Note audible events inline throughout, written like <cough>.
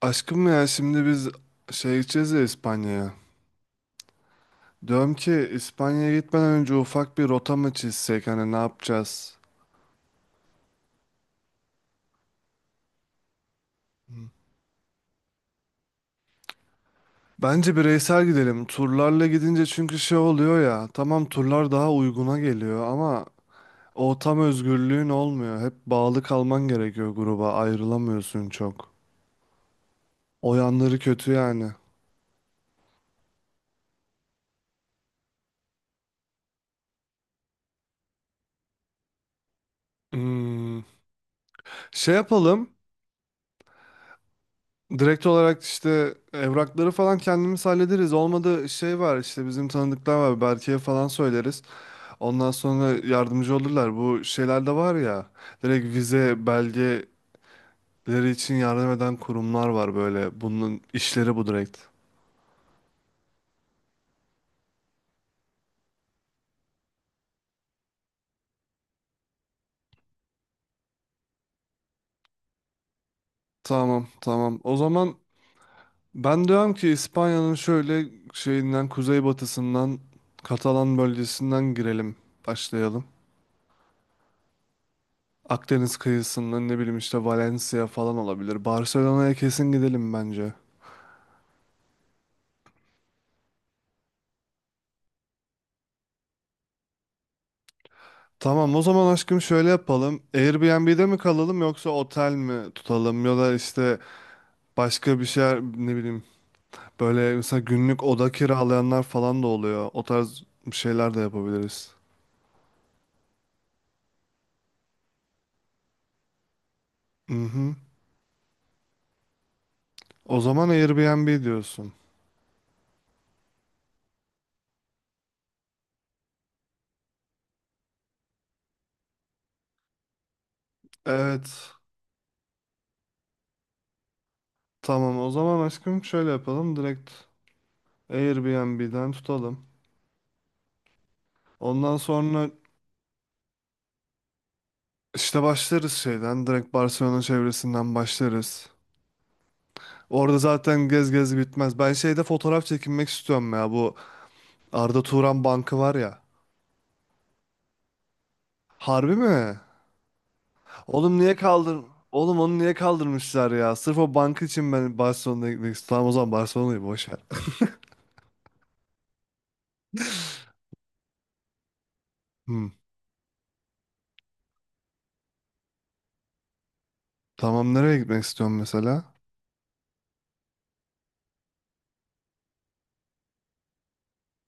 Aşkım ya şimdi biz şey gideceğiz ya İspanya'ya. Diyorum ki İspanya'ya gitmeden önce ufak bir rota mı çizsek hani ne yapacağız? Bence bireysel gidelim. Turlarla gidince çünkü şey oluyor ya. Tamam turlar daha uyguna geliyor ama o tam özgürlüğün olmuyor. Hep bağlı kalman gerekiyor gruba. Ayrılamıyorsun çok. O yanları kötü yani. Hmm. Şey yapalım. Direkt olarak işte evrakları falan kendimiz hallederiz. Olmadı şey var işte bizim tanıdıklar var. Berke'ye falan söyleriz. Ondan sonra yardımcı olurlar. Bu şeyler de var ya. Direkt vize belgeleri için yardım eden kurumlar var böyle. Bunun işleri bu direkt. Tamam, tamam. O zaman ben diyorum ki İspanya'nın şöyle şeyinden, kuzeybatısından, Katalan bölgesinden girelim. Başlayalım. Akdeniz kıyısından ne bileyim işte Valencia falan olabilir. Barcelona'ya kesin gidelim bence. Tamam o zaman aşkım şöyle yapalım. Airbnb'de mi kalalım yoksa otel mi tutalım ya da işte başka bir şeyler, ne bileyim, böyle mesela günlük oda kiralayanlar falan da oluyor. O tarz bir şeyler de yapabiliriz. Mhm. O zaman Airbnb diyorsun. Evet. Tamam o zaman aşkım şöyle yapalım. Direkt Airbnb'den tutalım. Ondan sonra İşte başlarız şeyden. Direkt Barcelona çevresinden başlarız. Orada zaten gez gez bitmez. Ben şeyde fotoğraf çekinmek istiyorum ya. Bu Arda Turan Bankı var ya. Harbi mi? Oğlum niye kaldır... Oğlum onu niye kaldırmışlar ya? Sırf o bank için ben Barcelona'ya gitmek istiyorum. Tamam o zaman Barcelona'yı boş ver. Hmm. Tamam, nereye gitmek istiyorum mesela?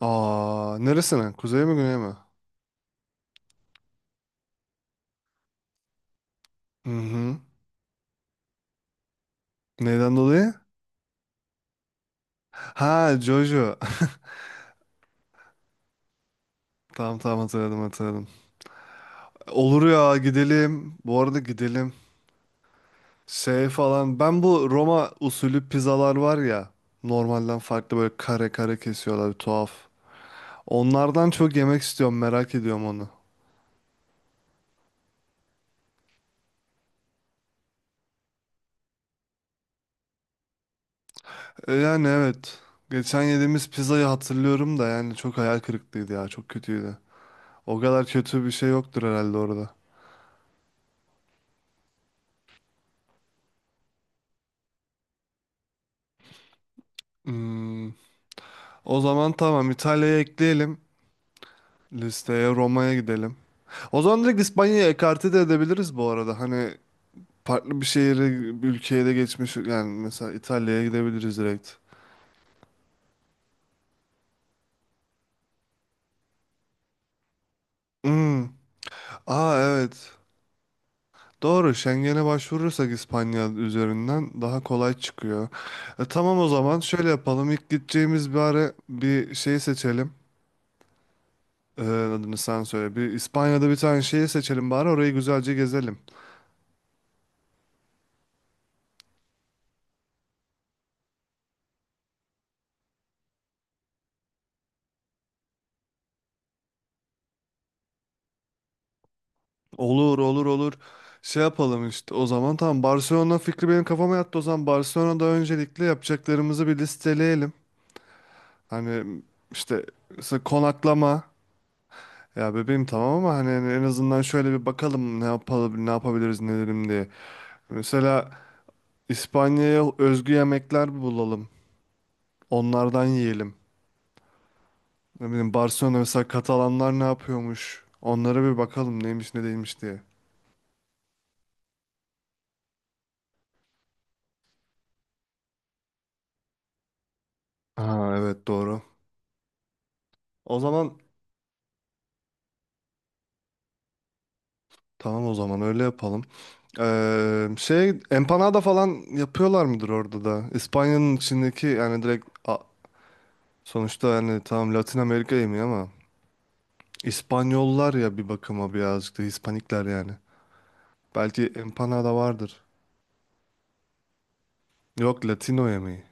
Aa, neresine? Kuzey mi güney mi? Hı hı. Neyden dolayı? Ha, Jojo. <laughs> Tamam, tamam, hatırladım, hatırladım. Olur ya, gidelim. Bu arada gidelim. Şey falan. Ben bu Roma usulü pizzalar var ya. Normalden farklı böyle kare kare kesiyorlar. Tuhaf. Onlardan çok yemek istiyorum. Merak ediyorum onu. Yani evet. Geçen yediğimiz pizzayı hatırlıyorum da yani çok hayal kırıklığıydı ya. Çok kötüydü. O kadar kötü bir şey yoktur herhalde orada. Hmm. O zaman tamam, İtalya'ya ekleyelim. Listeye. Roma'ya gidelim. O zaman direkt İspanya'ya ekarte de edebiliriz bu arada. Hani farklı bir şehire, bir ülkeye de geçmiş. Yani mesela İtalya'ya gidebiliriz direkt. Hmm. Aa, evet. Doğru. Schengen'e başvurursak İspanya üzerinden daha kolay çıkıyor. Tamam o zaman şöyle yapalım. İlk gideceğimiz bir ara bir şey seçelim. Adını sen söyle. Bir, İspanya'da bir tane şeyi seçelim bari, orayı güzelce gezelim. Olur, olur, olur. Şey yapalım işte. O zaman tamam, Barcelona fikri benim kafama yattı. O zaman Barcelona'da öncelikle yapacaklarımızı bir listeleyelim. Hani işte, işte konaklama. Ya bebeğim, tamam, ama hani en azından şöyle bir bakalım ne yapalım, ne yapabiliriz, ne edelim diye. Mesela İspanya'ya özgü yemekler bulalım. Onlardan yiyelim. Ne bileyim, Barcelona mesela, Katalanlar ne yapıyormuş? Onlara bir bakalım neymiş ne değilmiş diye. Ha evet, doğru. O zaman tamam, o zaman öyle yapalım. Şey, empanada falan yapıyorlar mıdır orada da? İspanya'nın içindeki yani direkt, sonuçta yani tamam, Latin Amerika yemeği ama İspanyollar ya bir bakıma birazcık da Hispanikler yani. Belki empanada vardır. Yok, Latino yemeği.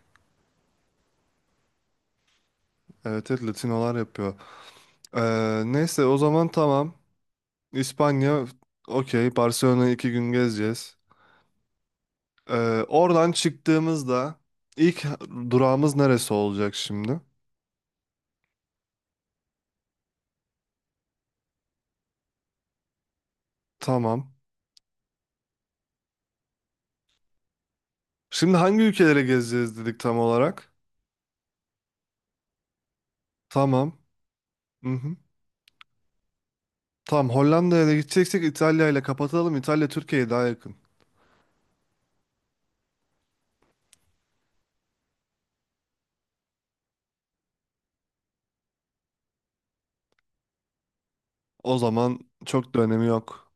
Evet, evet, Latinolar yapıyor. Neyse, o zaman tamam. İspanya, okey, Barcelona'yı 2 gün gezeceğiz. Ee, Oradan çıktığımızda ilk durağımız neresi olacak şimdi? Tamam. Şimdi hangi ülkelere gezeceğiz dedik tam olarak? Tamam. Hı hı. Tamam, Hollanda'ya da gideceksek İtalya ile kapatalım. İtalya Türkiye'ye daha yakın. O zaman çok da önemi yok.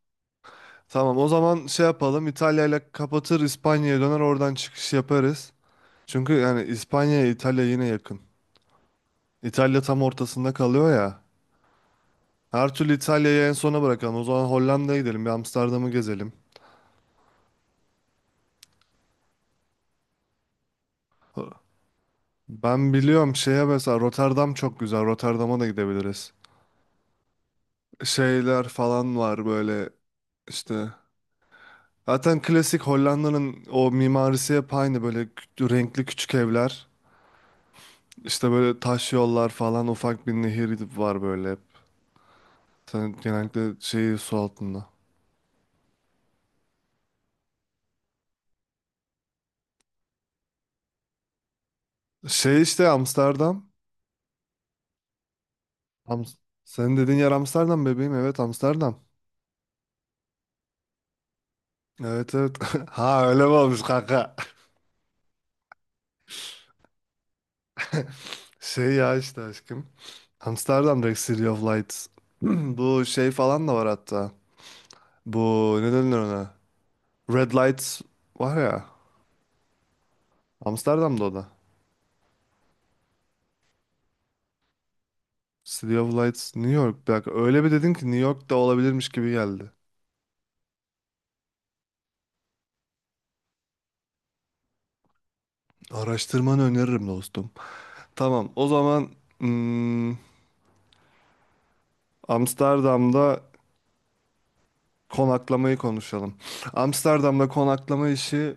Tamam o zaman şey yapalım, İtalya'yla kapatır, İspanya'ya döner, oradan çıkış yaparız. Çünkü yani İspanya'ya İtalya yine yakın. İtalya tam ortasında kalıyor ya. Her türlü İtalya'yı en sona bırakalım. O zaman Hollanda'ya gidelim, bir Amsterdam'ı gezelim. Ben biliyorum, şeye mesela Rotterdam çok güzel. Rotterdam'a da gidebiliriz. Şeyler falan var böyle işte. Zaten klasik Hollanda'nın o mimarisi hep aynı, böyle renkli küçük evler. İşte böyle taş yollar falan, ufak bir nehir var böyle, hep. Sen genellikle şey, su altında. Şey işte, Amsterdam. Am Senin dediğin yer Amsterdam bebeğim. Evet, Amsterdam. Evet, evet. <laughs> Ha öyle mi olmuş kanka? <laughs> Şey ya işte aşkım. Amsterdam direkt City of Lights. <clears throat> Bu şey falan da var hatta. Bu, ne denir ona? Red Lights var ya. Amsterdam'da o da. City of Lights New York. Bir dakika, öyle bir dedin ki New York'ta olabilirmiş gibi geldi. Araştırmanı öneririm dostum. <laughs> Tamam o zaman... hmm, Amsterdam'da konaklamayı konuşalım. Amsterdam'da konaklama işi...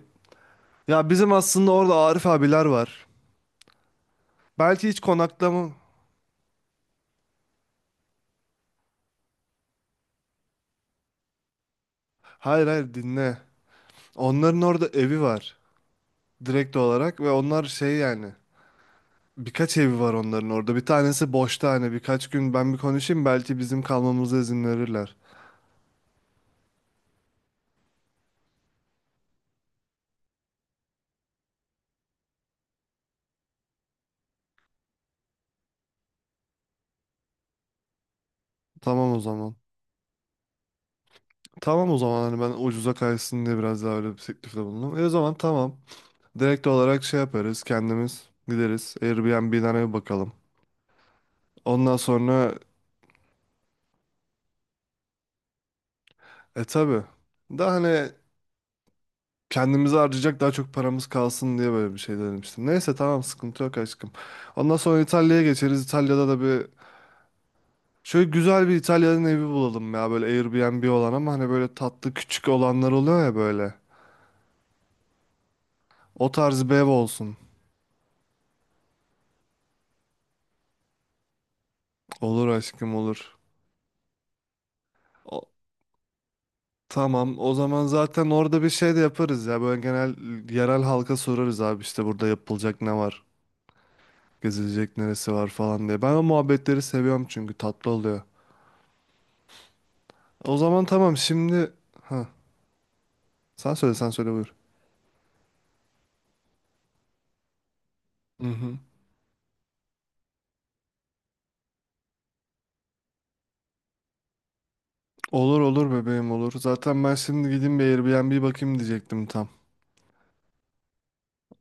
Ya bizim aslında orada Arif abiler var. Belki hiç konaklama... Hayır, hayır, dinle. Onların orada evi var. Direkt olarak, ve onlar şey yani... Birkaç evi var onların orada. Bir tanesi boşta, hani birkaç gün ben bir konuşayım, belki bizim kalmamıza izin verirler. Tamam o zaman. Tamam o zaman, hani ben ucuza kaysın diye biraz daha öyle bir teklifte bulundum. O zaman tamam. Direkt olarak şey yaparız, kendimiz gideriz Airbnb'den eve bakalım. Ondan sonra tabi daha hani kendimizi harcayacak daha çok paramız kalsın diye böyle bir şey denemiştim. Neyse tamam, sıkıntı yok aşkım. Ondan sonra İtalya'ya geçeriz. İtalya'da da bir şöyle güzel bir İtalya'nın evi bulalım ya, böyle Airbnb olan ama hani böyle tatlı küçük olanlar oluyor ya böyle. O tarz bir ev olsun. Olur aşkım, olur. Tamam, o zaman zaten orada bir şey de yaparız ya. Böyle genel yerel halka sorarız, abi işte burada yapılacak ne var, gezilecek neresi var falan diye. Ben o muhabbetleri seviyorum çünkü tatlı oluyor. O zaman tamam şimdi... Ha, sen söyle, sen söyle, buyur. Hı hı. Olur, olur bebeğim, olur. Zaten ben şimdi gideyim bir Airbnb bakayım diyecektim tam.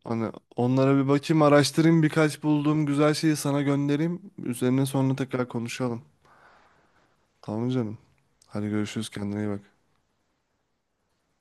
Hani onlara bir bakayım, araştırayım, birkaç bulduğum güzel şeyi sana göndereyim. Üzerine sonra tekrar konuşalım. Tamam canım. Hadi görüşürüz, kendine iyi bak.